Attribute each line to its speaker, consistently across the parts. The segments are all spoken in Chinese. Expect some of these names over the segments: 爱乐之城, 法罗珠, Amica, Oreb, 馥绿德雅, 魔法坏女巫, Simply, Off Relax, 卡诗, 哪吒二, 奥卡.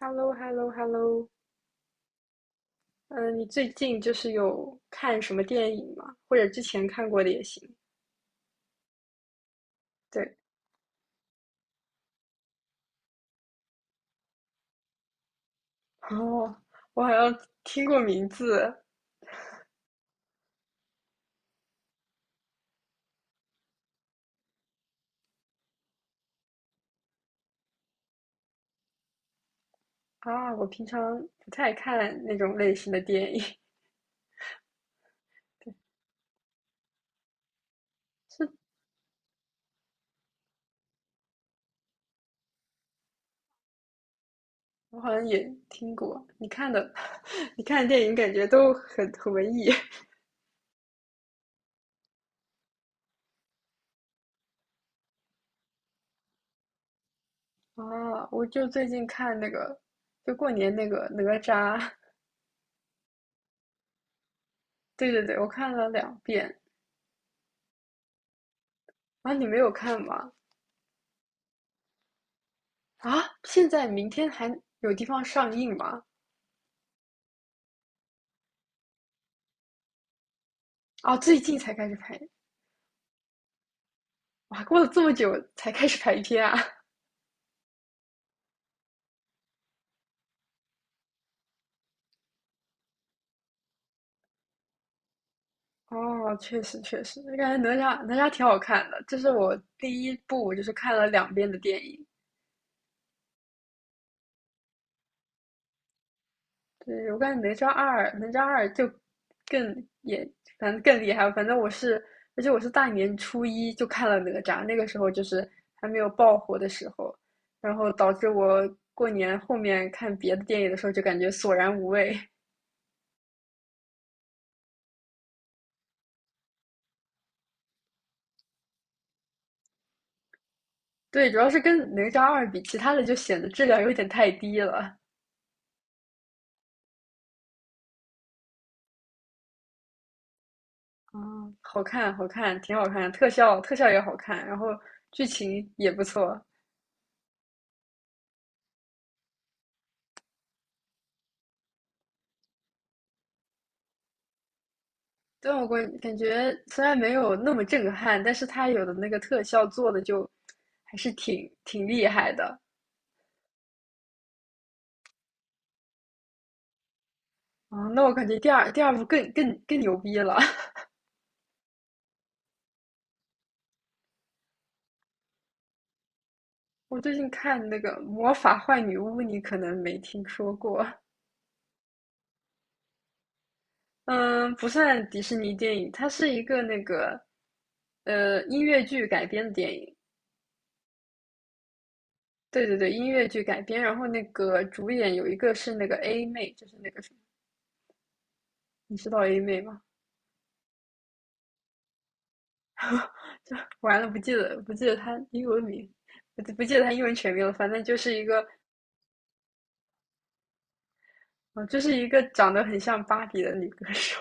Speaker 1: h e l l o h e l l o h e l l o 嗯，你最近就是有看什么电影吗？或者之前看过的也行。对。哦，我好像听过名字。啊，我平常不太看那种类型的电影。我好像也听过。你看的，你看的电影感觉都很文艺。啊。我就最近看那个，就过年那个哪吒。对对对，我看了两遍。啊，你没有看吗？啊，现在明天还有地方上映吗？哦，最近才开始拍。哇，过了这么久才开始拍片啊！哦，确实确实，我感觉哪吒挺好看的，这是我第一部我就是看了两遍的电影。对，我感觉哪吒二就更也反正更厉害。反正我是，而且我是大年初一就看了哪吒，那个时候就是还没有爆火的时候，然后导致我过年后面看别的电影的时候就感觉索然无味。对，主要是跟哪吒二比，其他的就显得质量有点太低了。啊，好看，好看，挺好看，特效也好看，然后剧情也不错。但我感觉虽然没有那么震撼，但是它有的那个特效做的就还是挺厉害的。啊、那我感觉第二部更牛逼了。我最近看那个《魔法坏女巫》，你可能没听说过。嗯，不算迪士尼电影，它是一个那个音乐剧改编的电影。对对对，音乐剧改编，然后那个主演有一个是那个 A 妹，就是那个什么，你知道 A 妹吗？就完了，不记得她英文名，不记得她英文全名了，反正就是一个。就是一个长得很像芭比的女歌手。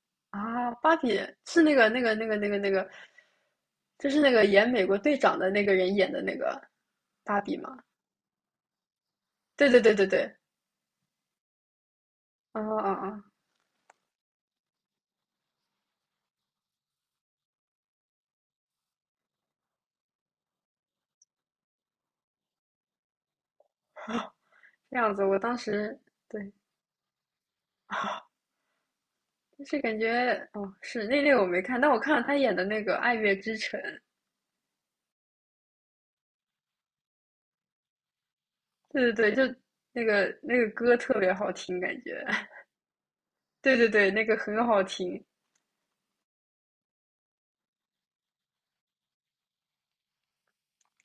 Speaker 1: 啊，芭比是那个，就是那个演美国队长的那个人演的那个芭比吗？对对对对对。啊啊啊。这样子，我当时对。就是感觉哦，是那个我没看，但我看了他演的那个《爱乐之城》。对对对，就那个歌特别好听，感觉。对对对，那个很好听。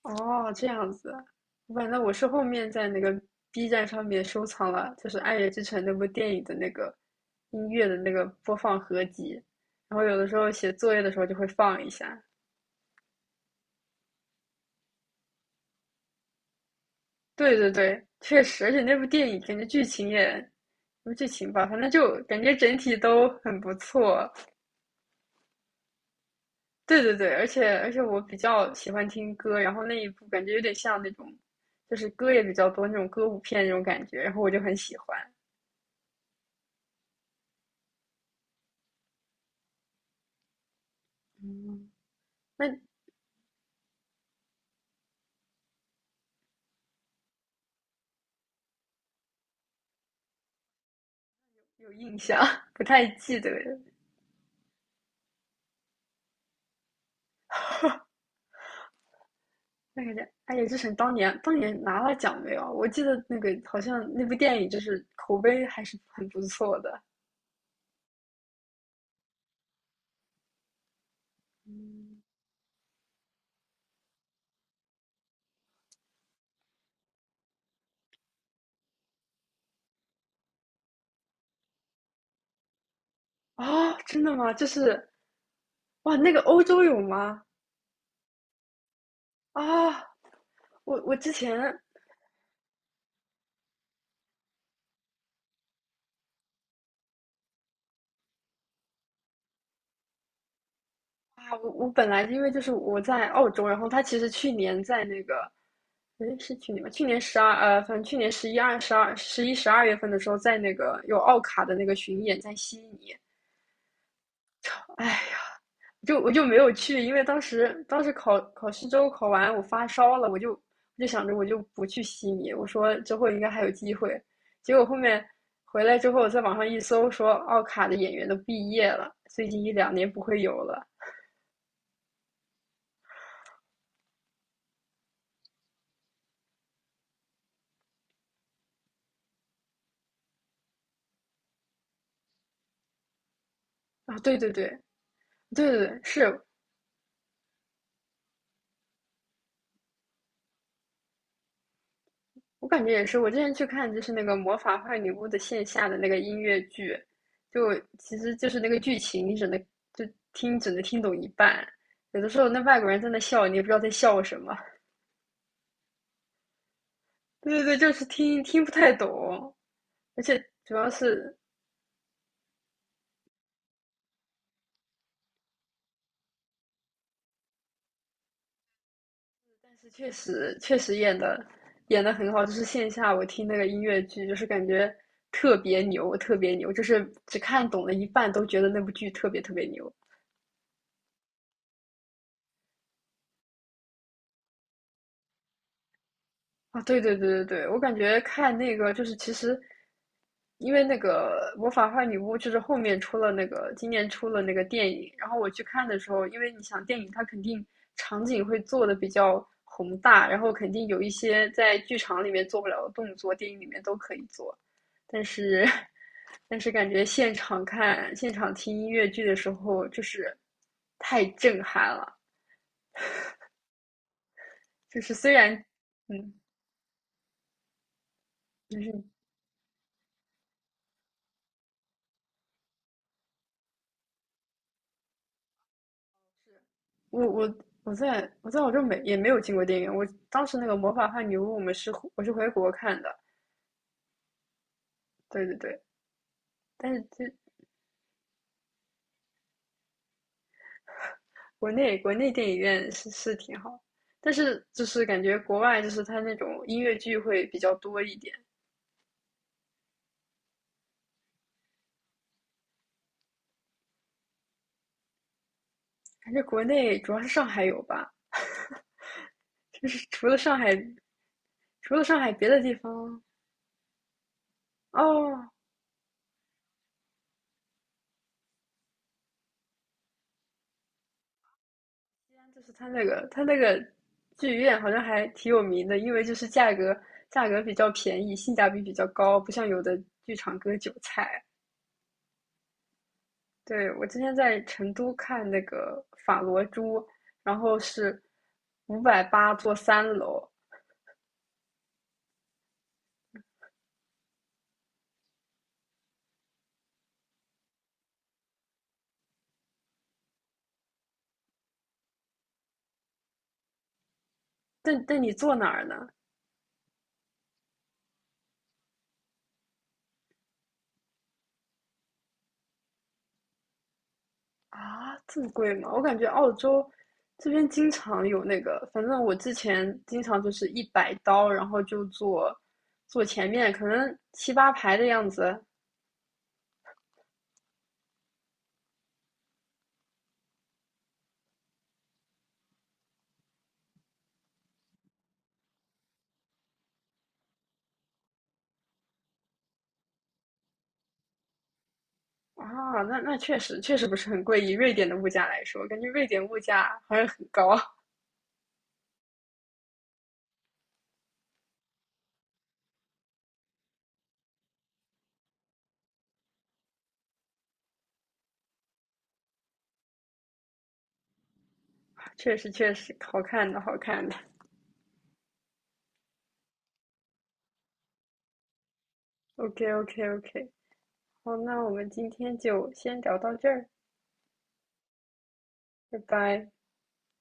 Speaker 1: 哦，这样子，反正我是后面在那个 B 站上面收藏了，就是《爱乐之城》那部电影的那个音乐的那个播放合集，然后有的时候写作业的时候就会放一下。对对对，确实，而且那部电影感觉剧情也，什么剧情吧，反正就感觉整体都很不错。对对对，而且我比较喜欢听歌，然后那一部感觉有点像那种，就是歌也比较多那种歌舞片那种感觉，然后我就很喜欢。嗯。那有印象，不太记得了。那个叫哎乐之城当年拿了奖没有啊？我记得那个好像那部电影就是口碑还是很不错的。嗯。哦，真的吗？就是哇，那个欧洲有吗？啊，我之前。啊，我本来因为就是我在澳洲，然后他其实去年在那个，诶，是去年吧？去年十二反正去年十一、二、十二、十一、十二月份的时候，在那个有奥卡的那个巡演，在悉尼。唉，就我就没有去，因为当时考试周考完，我发烧了，我就想着我就不去悉尼，我说之后应该还有机会。结果后面回来之后，我在网上一搜，说奥卡的演员都毕业了，最近一两年不会有了。啊，对对对。对对对，是我感觉也是。我之前去看就是那个《魔法坏女巫》的线下的那个音乐剧，就其实就是那个剧情，你只能就听，只能听懂一半。有的时候那外国人在那笑，你也不知道在笑什么。对对对，就是听不太懂。而且主要是，但是确实确实演的很好，就是线下我听那个音乐剧，就是感觉特别牛，特别牛，就是只看懂了一半都觉得那部剧特别特别牛。啊，对对对对对，我感觉看那个就是其实，因为那个《魔法坏女巫》就是后面出了那个今年出了那个电影，然后我去看的时候，因为你想电影它肯定场景会做的比较宏大，然后肯定有一些在剧场里面做不了的动作，电影里面都可以做，但是。 但是感觉现场看现场听音乐剧的时候，就是太震撼了，就是虽然。嗯。就是我我我在我洲没也没有进过电影院，我当时那个《魔法和女巫》我是回国看的。对对对，但是这国内电影院是挺好，但是就是感觉国外就是它那种音乐剧会比较多一点，感觉国内主要是上海有吧，就是除了上海别的地方。哦，就是它那个剧院好像还挺有名的，因为就是价格比较便宜，性价比比较高，不像有的剧场割韭菜。对，我之前在成都看那个《法罗珠》，然后是580坐3楼。但你坐哪儿呢？啊，这么贵吗？我感觉澳洲这边经常有那个，反正我之前经常就是100刀，然后就坐前面，可能7、8排的样子。啊，那确实确实不是很贵，以瑞典的物价来说，感觉瑞典物价好像很高。确实确实，好看的好看的。OK OK OK，好，那我们今天就先聊到这儿，拜拜。